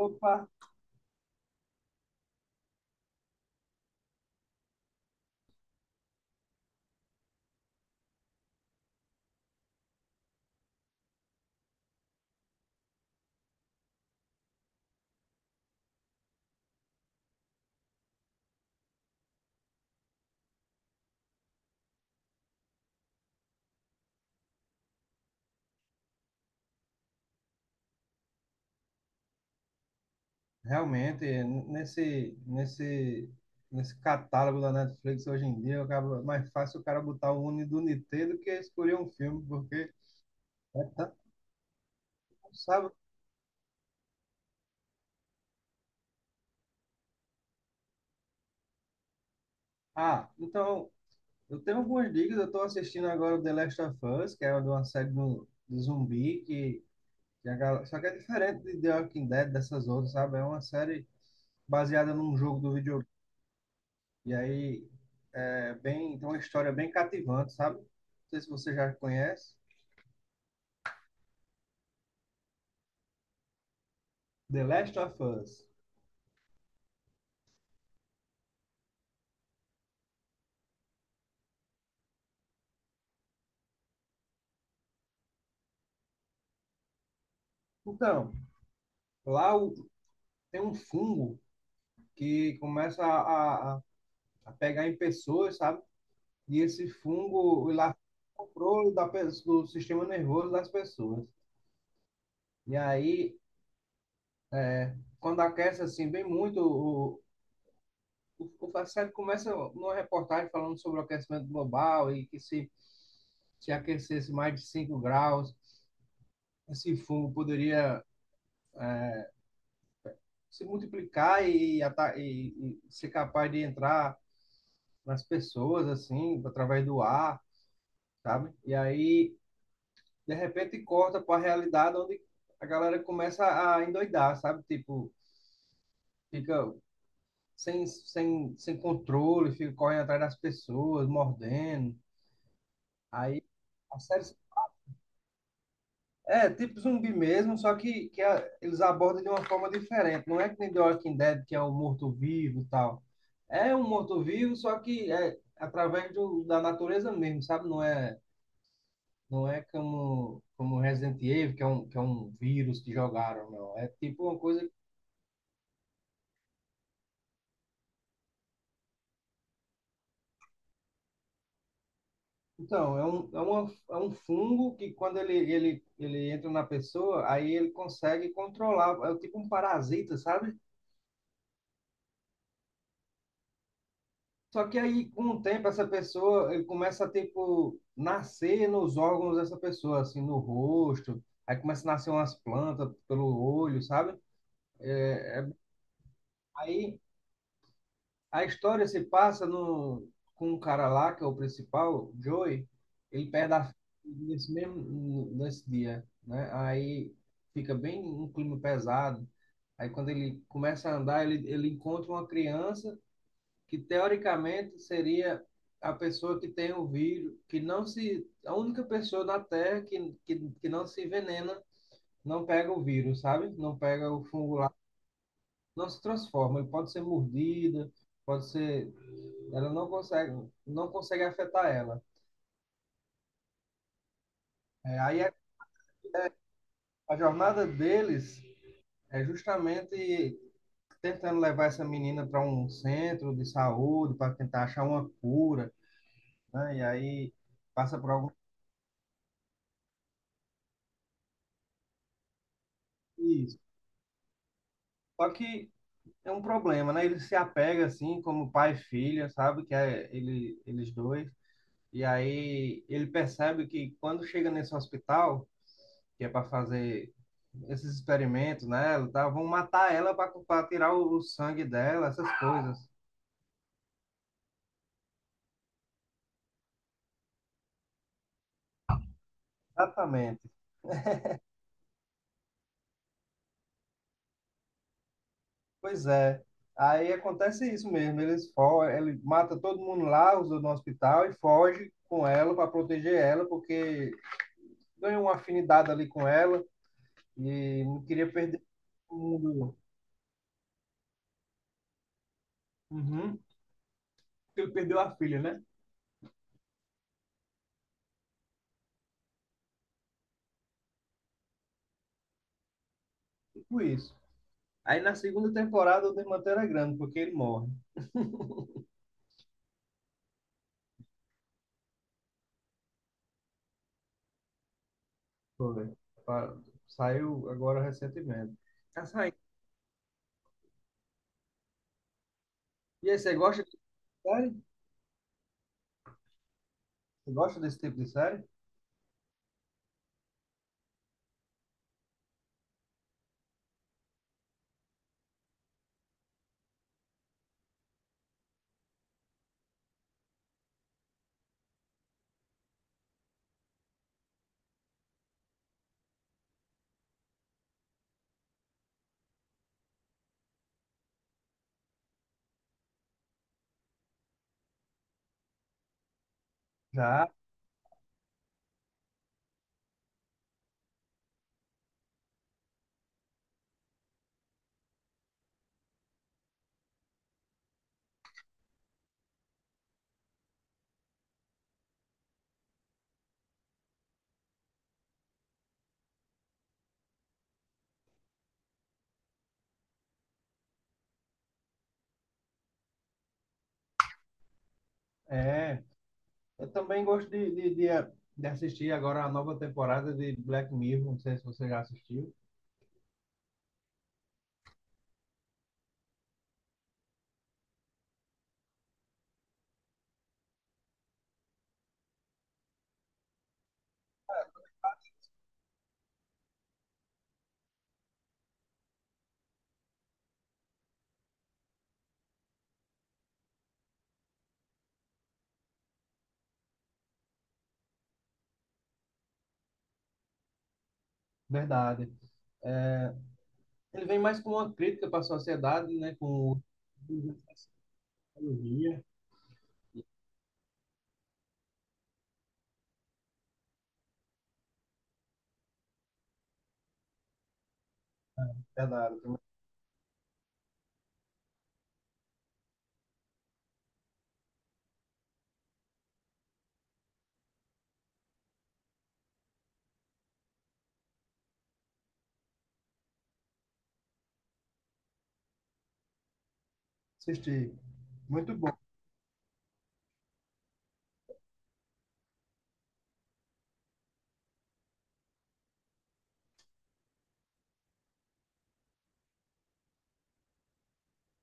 Opa, realmente, nesse catálogo da Netflix hoje em dia, é mais fácil o cara botar o Uni do Nitê do que escolher um filme, porque é tanto, sabe? Ah, então, eu tenho algumas dicas, eu estou assistindo agora o The Last of Us, que é uma série de zumbi, que a galera, só que é diferente de The Walking Dead, dessas outras, sabe? É uma série baseada num jogo do videogame, e aí é bem, tem uma história bem cativante, sabe? Não sei se você já conhece. The Last of Us. Então, lá o- tem um fungo que começa a pegar em pessoas, sabe? E esse fungo ele afeta da do sistema nervoso das pessoas. E aí, quando aquece assim bem muito, o a começa numa reportagem falando sobre o aquecimento global e que se aquecesse mais de 5 graus, esse fungo poderia se multiplicar e ser capaz de entrar nas pessoas, assim, através do ar, sabe? E aí, de repente, corta para a realidade onde a galera começa a endoidar, sabe? Tipo, fica sem controle, fica correndo atrás das pessoas, mordendo. Aí, a série é tipo zumbi mesmo, só que a- eles abordam de uma forma diferente. Não é que nem The Walking Dead, que é o morto-vivo e tal. É um morto-vivo, só que é através da natureza mesmo, sabe? Não é como Resident Evil, que é um vírus que jogaram, não. É tipo uma coisa. Então, é um fungo que quando ele entra na pessoa, aí ele consegue controlar. É tipo um parasita, sabe? Só que aí, com o tempo, essa pessoa, ele começa a, tipo, nascer nos órgãos dessa pessoa, assim, no rosto. Aí começa a nascer umas plantas pelo olho, sabe? Aí a história se passa no, com um cara lá, que é o principal, Joey, ele perde a filha nesse dia, né? Aí fica bem um clima pesado. Aí quando ele começa a andar, ele encontra uma criança que teoricamente seria a pessoa que tem o vírus, que não se, a única pessoa na Terra que não se envenena, não pega o vírus, sabe? Não pega o fungo lá, não se transforma. Ele pode ser mordida, pode ser ela não consegue, não consegue afetar ela. É, aí a jornada deles é justamente tentando levar essa menina para um centro de saúde, para tentar achar uma cura, né? E aí passa por algum isso. Só que é um problema, né? Ele se apega assim, como pai e filha, sabe? Que é ele, eles dois. E aí ele percebe que quando chega nesse hospital, que é para fazer esses experimentos nela, tá? Vão matar ela para tirar o sangue dela, essas coisas. Exatamente. Pois é. Aí acontece isso mesmo. Ele mata todo mundo lá, os do no hospital e foge com ela para proteger ela, porque ganhou uma afinidade ali com ela e não queria perder o mundo. Uhum. Porque ele perdeu a filha, né? Tipo isso. Aí na segunda temporada o desmanteiro é grande, porque ele morre. Foi. Pa- Saiu agora recentemente. Já saiu. E aí, você gosta de série? Você gosta desse tipo de série? Já, é. Eu também gosto de assistir agora a nova temporada de Black Mirror. Não sei se você já assistiu. Verdade. É, ele vem mais com uma crítica para a sociedade, né? Com o uso da tecnologia. Verdade. Eu também assisti. Muito bom.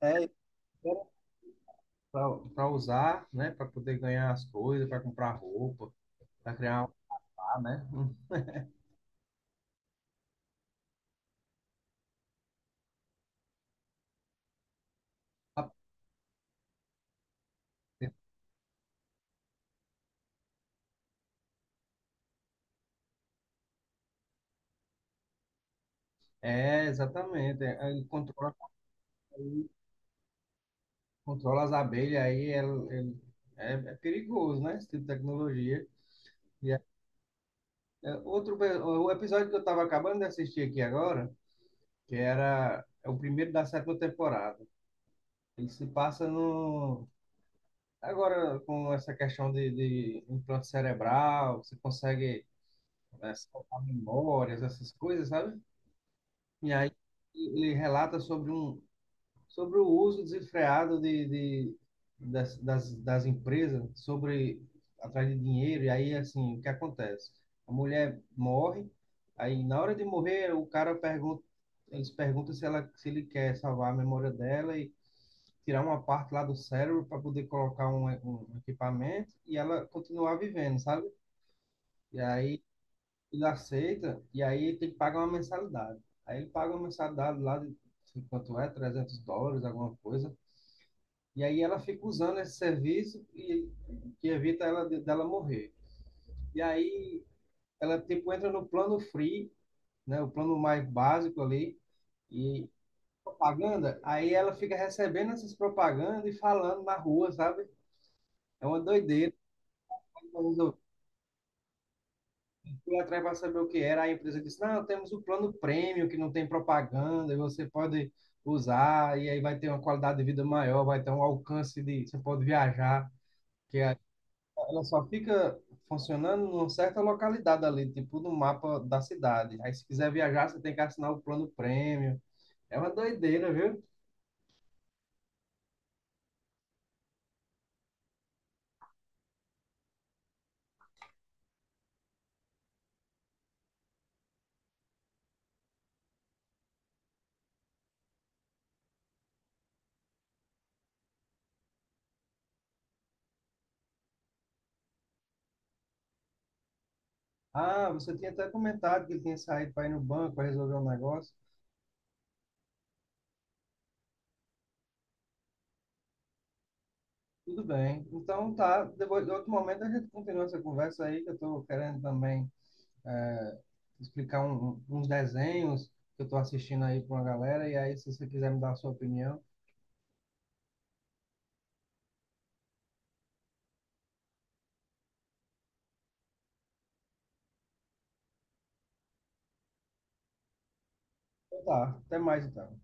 É, para usar, né? Para poder ganhar as coisas, para comprar roupa, para criar um lar, né? Hum. É, exatamente. É, ele controla, controla as abelhas, é, é perigoso, né? Esse tipo de tecnologia. E é- é outro, o episódio que eu estava acabando de assistir aqui agora, que era é o primeiro da sétima temporada. Ele se passa no. Agora, com essa questão de implante cerebral, você consegue é, salvar memórias, essas coisas, sabe? E aí ele relata sobre um, sobre o uso desenfreado das empresas sobre atrás de dinheiro e aí assim o que acontece? A mulher morre, aí na hora de morrer o cara pergunta, eles perguntam se ele quer salvar a memória dela e tirar uma parte lá do cérebro para poder colocar um equipamento e ela continuar vivendo, sabe? E aí ele aceita e aí ele tem que pagar uma mensalidade. Aí ele paga uma mensalidade lá de quanto é, US$ 300, alguma coisa. E aí ela fica usando esse serviço e que evita ela dela morrer. E aí ela tipo entra no plano free, né, o plano mais básico ali e propaganda. Aí ela fica recebendo essas propagandas e falando na rua, sabe? É uma doideira. Eu fui atrás para saber o que era. A empresa disse: Não, temos o plano premium que não tem propaganda e você pode usar. E aí vai ter uma qualidade de vida maior, vai ter um alcance de. Você pode viajar, que é ela só fica funcionando numa certa localidade ali, tipo no mapa da cidade. Aí se quiser viajar, você tem que assinar o plano prêmio. É uma doideira, viu? Ah, você tinha até comentado que ele tinha saído para ir no banco para resolver um negócio. Tudo bem. Então tá, depois, em outro momento a gente continua essa conversa aí, que eu estou querendo também é, explicar uns desenhos que eu estou assistindo aí para uma galera. E aí, se você quiser me dar a sua opinião, então tá. Até mais então.